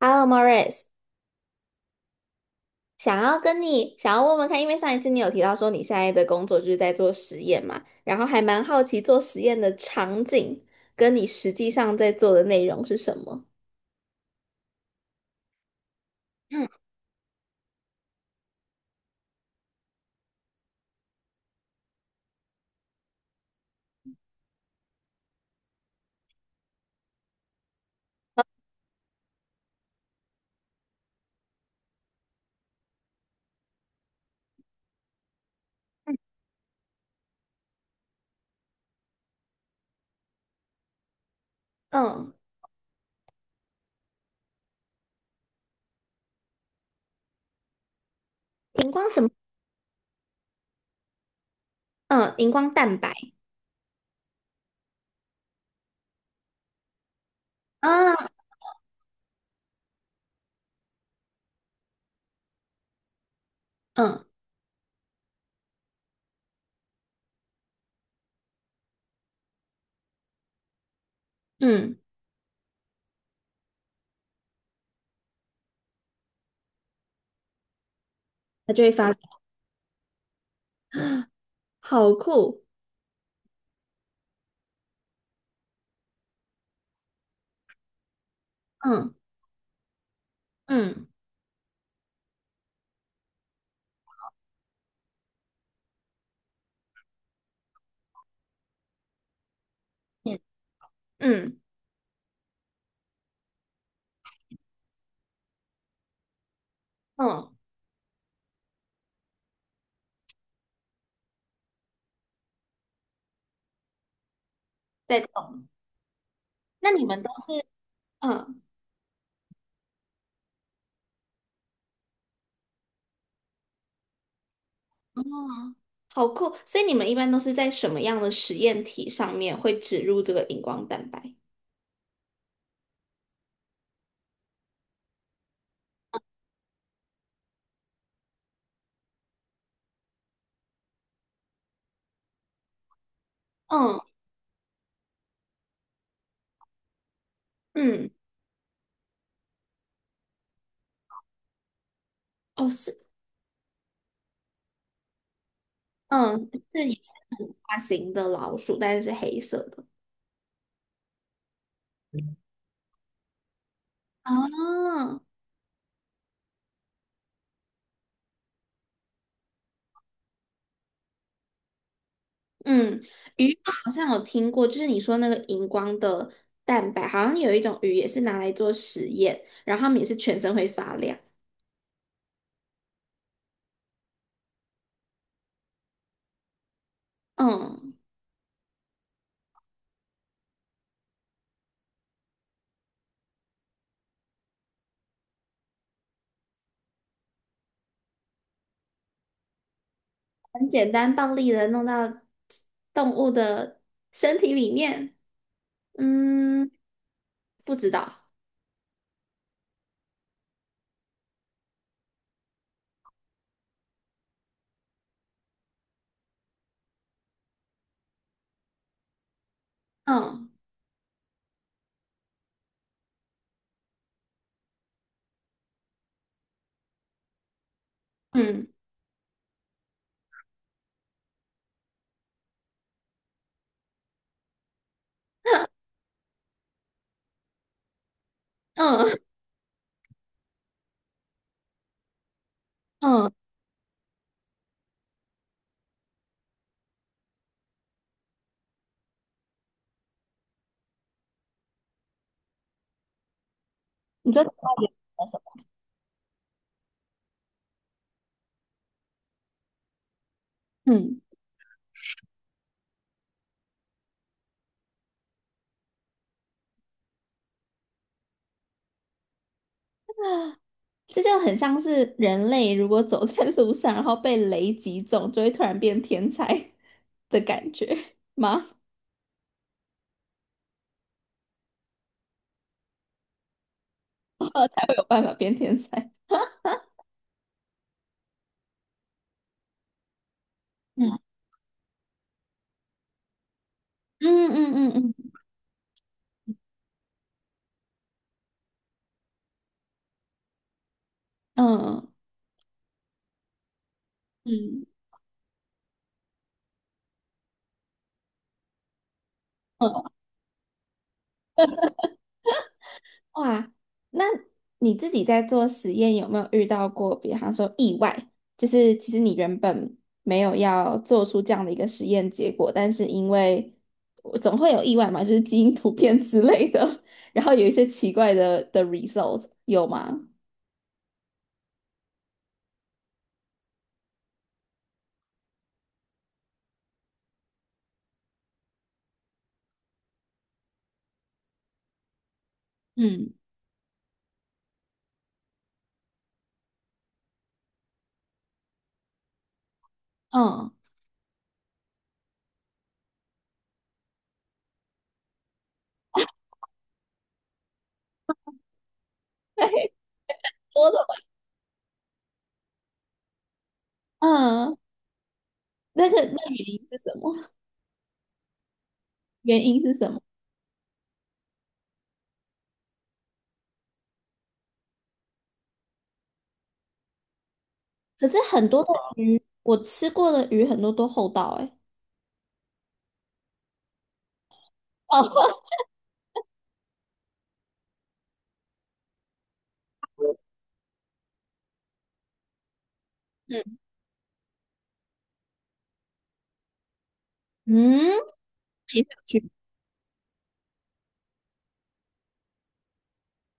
Hello, Morris，想要跟你问问看，因为上一次你有提到说你现在的工作就是在做实验嘛，然后还蛮好奇做实验的场景跟你实际上在做的内容是什么？嗯，荧光什么？嗯，荧光蛋白啊。嗯嗯，它就会发亮。好酷。嗯嗯嗯嗯。嗯，在动。那你们都嗯哦，好酷，所以你们一般都是在什么样的实验体上面会植入这个荧光蛋白？嗯。嗯，哦是，嗯是也是很大型的老鼠，但是是黑色的。哦，嗯，鱼好像有听过，就是你说那个荧光的蛋白，好像有一种鱼也是拿来做实验，然后它们也是全身会发亮。嗯，很简单暴力的弄到动物的身体里面。嗯，不知道。嗯嗯嗯嗯。你这快点什么？嗯。这就很像是人类如果走在路上，然后被雷击中，就会突然变天才 的感觉吗？才会有办法变天才。嗯嗯嗯嗯嗯嗯。嗯嗯，哇！那你自己在做实验有没有遇到过，比方说意外，就是其实你原本没有要做出这样的一个实验结果，但是因为总会有意外嘛，就是基因突变之类的，然后有一些奇怪的 result 有吗？嗯嗯那多的吧 嗯，那个那原因是什么？原因是什么？可是很多的鱼，我吃过的鱼很多都厚道哎、欸。哦，嗯嗯，也有趣，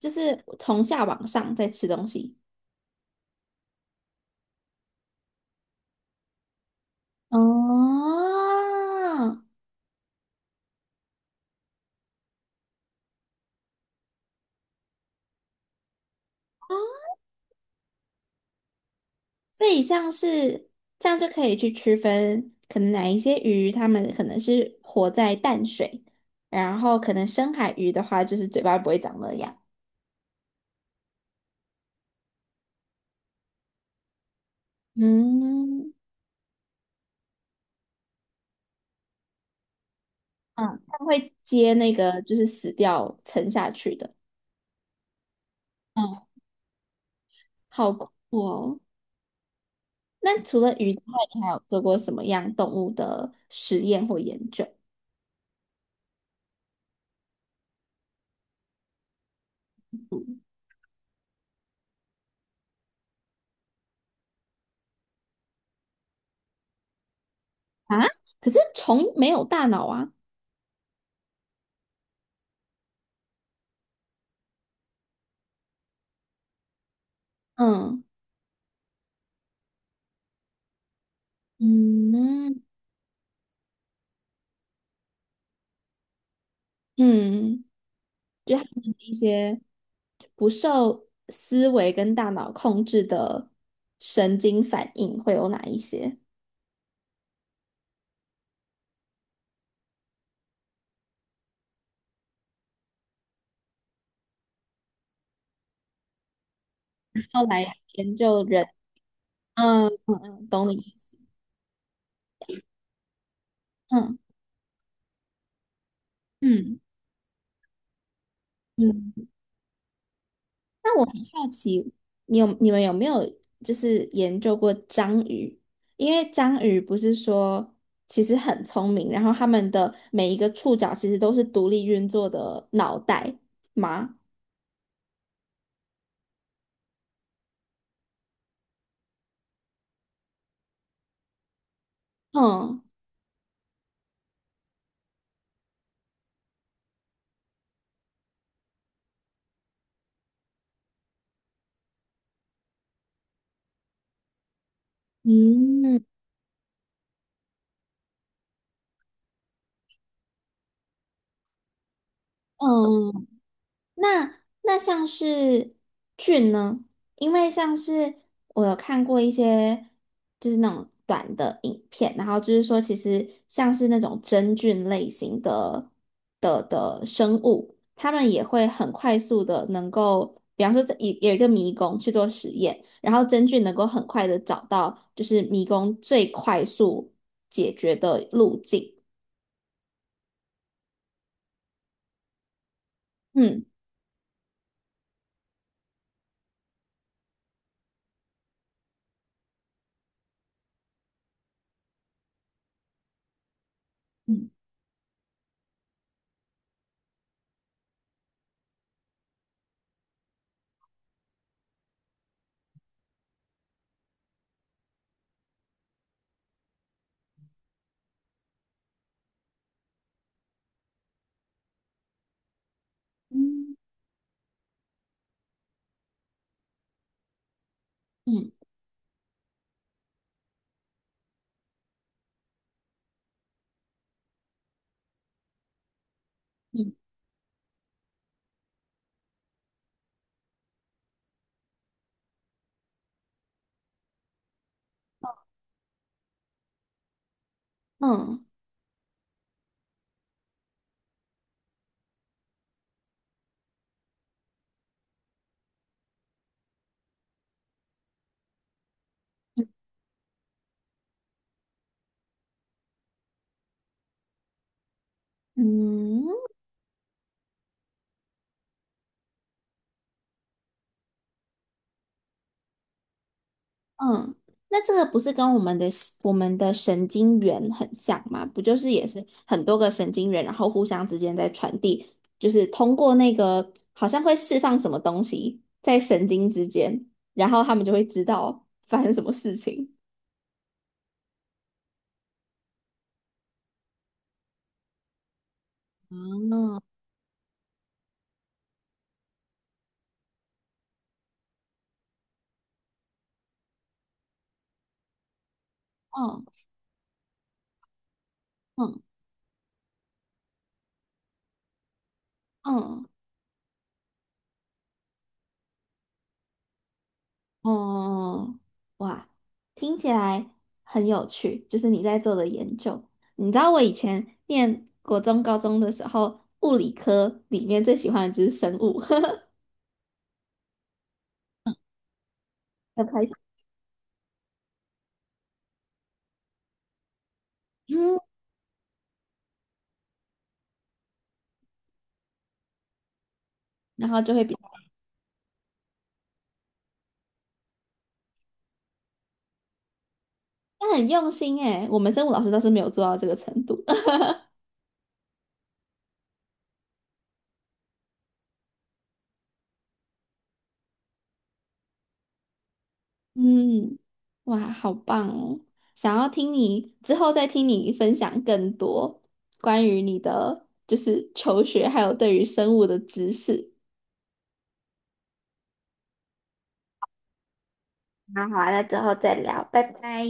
就是从下往上在吃东西。哦，这一项是这样就可以去区分，可能哪一些鱼它们可能是活在淡水，然后可能深海鱼的话，就是嘴巴不会长那样。嗯，嗯，他们会接那个就是死掉沉下去的。嗯，好酷哦！那除了鱼之外，你还有做过什么样动物的实验或研究啊？可是虫没有大脑啊。嗯嗯嗯，就它们的一些不受思维跟大脑控制的神经反应会有哪一些？后来研究人，嗯嗯嗯，懂你意思。嗯嗯。嗯那我很好奇，你们有没有就是研究过章鱼？因为章鱼不是说其实很聪明，然后它们的每一个触角其实都是独立运作的脑袋吗？嗯嗯嗯，那那像是菌呢？因为像是我有看过一些就是那种短的影片，然后就是说，其实像是那种真菌类型的生物，它们也会很快速的能够，比方说在有一个迷宫去做实验，然后真菌能够很快的找到就是迷宫最快速解决的路径。嗯嗯嗯嗯嗯。嗯嗯。嗯，那这个不是跟我们的神经元很像吗？不就是也是很多个神经元，然后互相之间在传递，就是通过那个好像会释放什么东西在神经之间，然后他们就会知道发生什么事情。嗯嗯嗯嗯。哦，嗯嗯哇，听起来很有趣，就是你在做的研究。你知道我以前念国中、高中的时候，物理科里面最喜欢的就是生物。要开心。嗯，然后就会比，但很用心诶，我们生物老师倒是没有做到这个程度。嗯，哇，好棒哦！想要听你之后再听你分享更多关于你的就是求学，还有对于生物的知识。那好了那之后再聊，拜拜。